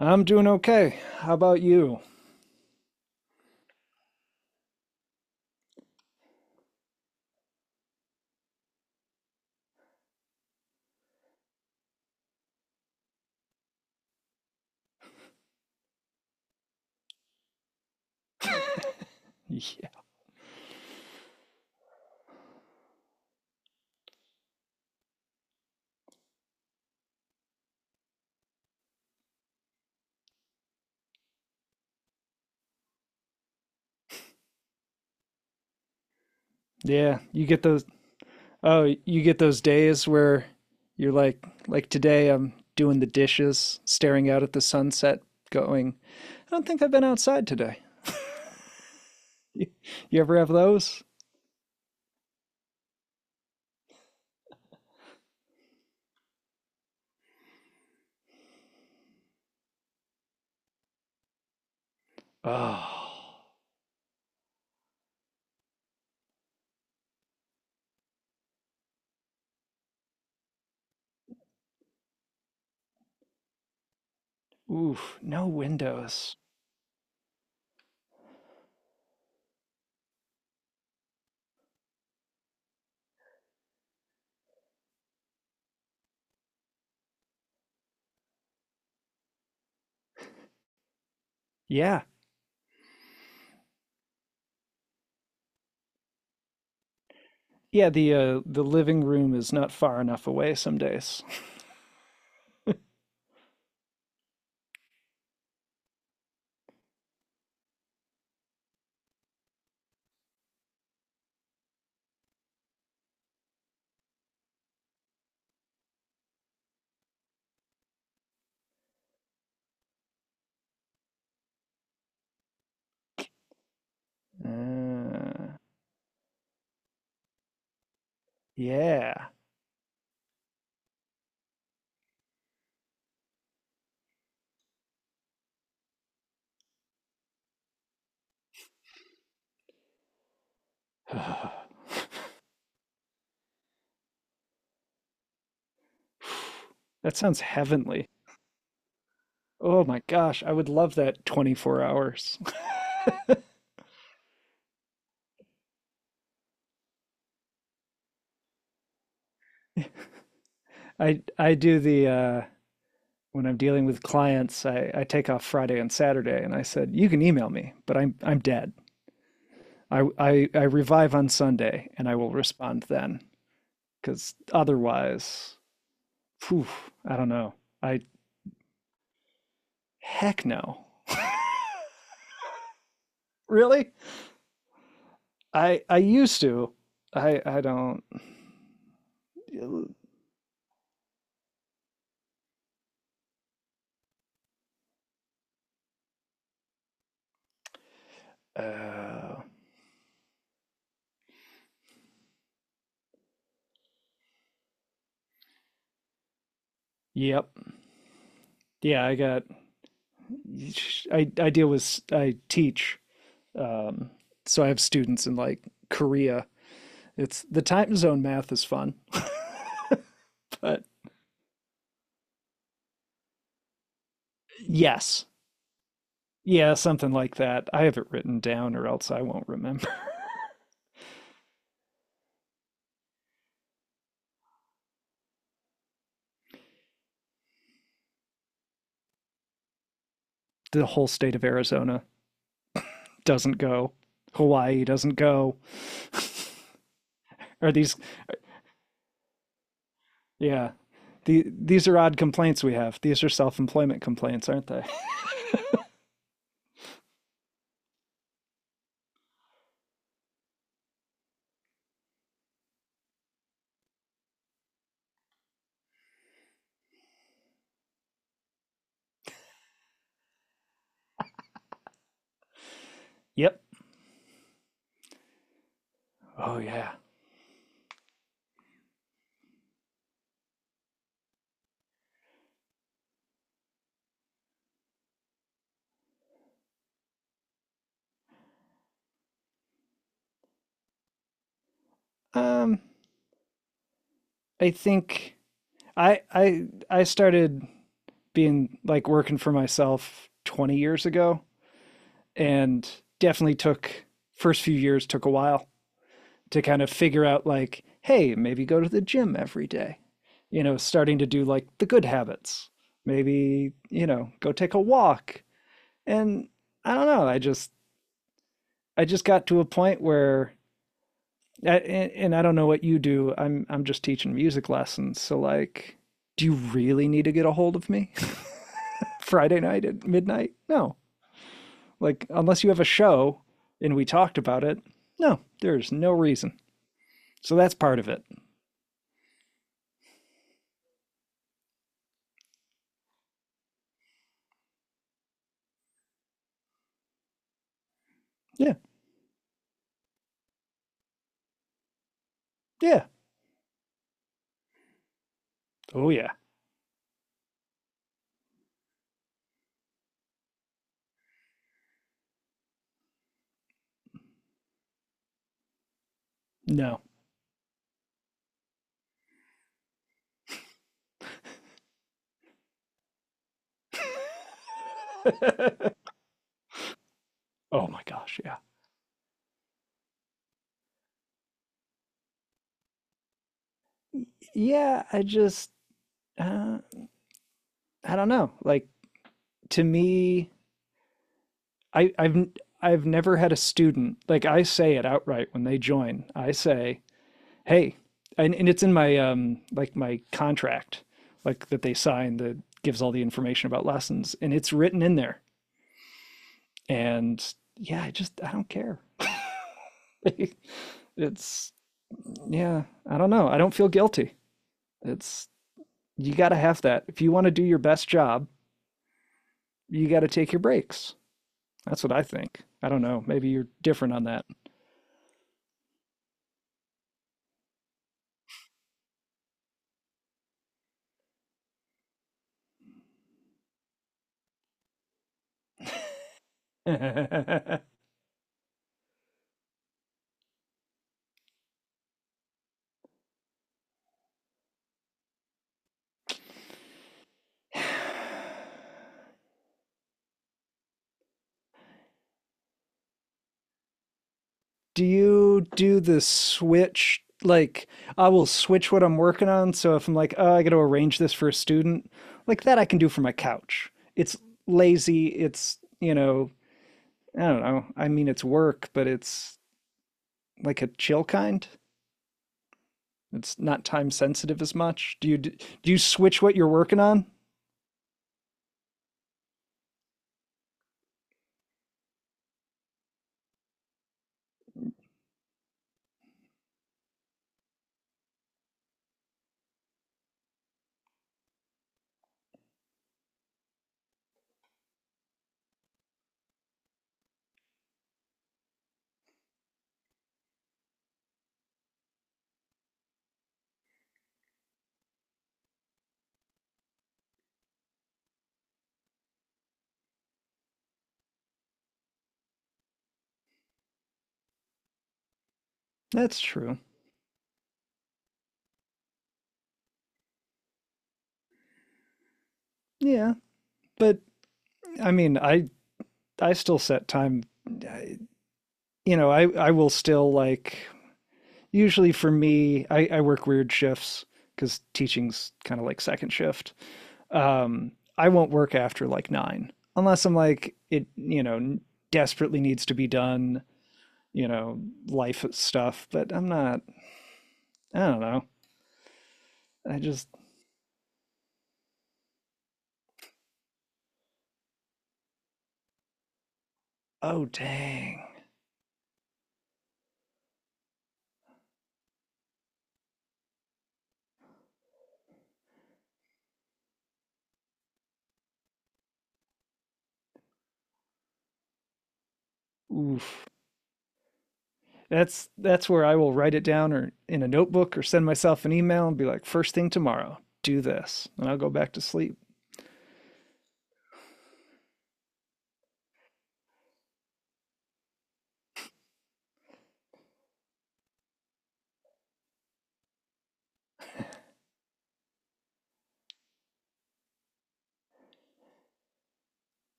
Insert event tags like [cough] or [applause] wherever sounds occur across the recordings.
I'm doing okay. How about you? Yeah, you get those. Oh, you get those days where you're like today I'm doing the dishes, staring out at the sunset, going, I don't think I've been outside today. [laughs] you, you ever have those? Oh, oof, no windows. Yeah. Yeah, the living room is not far enough away some days. Uh, yeah. [sighs] That sounds heavenly. Oh my gosh, I would love that 24 hours. [laughs] I do the when I'm dealing with clients, I take off Friday and Saturday, and I said, you can email me, but I'm dead. I revive on Sunday and I will respond then. Cause otherwise, phew, I don't know. I heck no. Really? I used to. I don't uh yep. Yeah, I got I deal with I teach. Um, so I have students in like Korea. It's, the time zone math is fun, but yes, yeah, something like that. I have it written down, or else I won't remember. [laughs] The whole state of Arizona doesn't go. Hawaii doesn't go. Are these? Yeah, these are odd complaints we have. These are self-employment complaints, aren't they? [laughs] Yep. Oh yeah. Um, I think I I I started being like working for myself 20 years ago, and definitely took, first few years took a while to kind of figure out, like, hey, maybe go to the gym every day, you know, starting to do like the good habits, maybe, you know, go take a walk. And I don't know, I just got to a point where, and I don't know what you do, I'm just teaching music lessons. So like, do you really need to get a hold of me [laughs] Friday night at midnight? No. Like, unless you have a show and we talked about it, no, there's no reason. So that's part of it. Yeah. Yeah. Oh, yeah. No. [laughs] Oh, my gosh. Yeah. Yeah. I just, uh, I don't know. Like, to me, I, I've, I've never had a student. Like, I say it outright when they join. I say, hey, and it's in my, like, my contract, like, that they sign, that gives all the information about lessons. And it's written in there. And yeah, I don't care. [laughs] It's, yeah, I don't know. I don't feel guilty. It's, you got to have that. If you want to do your best job, you got to take your breaks. That's what I think. I don't know. Maybe you're different on that. [laughs] Do you do the switch, like, I will switch what I'm working on. So if I'm like, oh, I got to arrange this for a student, like, that I can do from my couch. It's lazy. I don't know. I mean, it's work, but it's, like, a chill kind? It's not time sensitive as much. Do you do, you switch what you're working on? That's true. Yeah, but I mean, I still set time. You know, I will still like, usually for me, I work weird shifts, because teaching's kind of like second shift. I won't work after like nine unless I'm like, it, you know, desperately needs to be done. You know, life stuff. But I'm not. I don't know. I just Oh, dang. Oof. That's where I will write it down or in a notebook or send myself an email and be like, first thing tomorrow, do this. And I'll go back to sleep.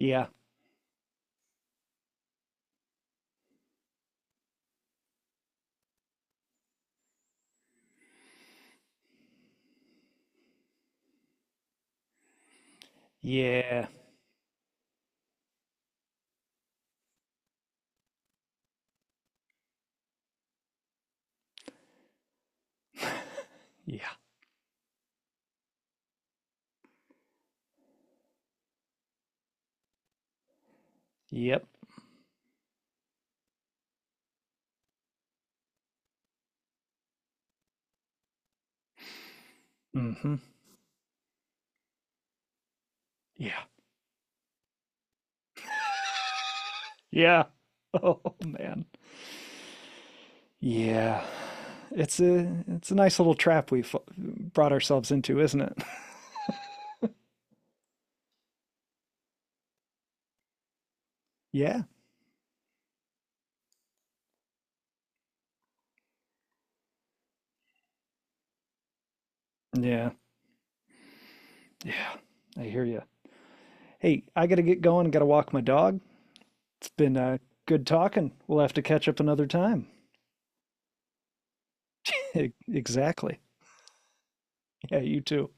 Yeah. Yeah. Yeah. Yep. Mm-hmm. Yeah. Yeah. [laughs] Oh man. Yeah. It's a nice little trap we've brought ourselves into, isn't it? [laughs] Yeah. Yeah. Yeah. I hear you. Hey, I gotta get going. Gotta walk my dog. It's been good talking. We'll have to catch up another time. [laughs] Exactly. Yeah, you too.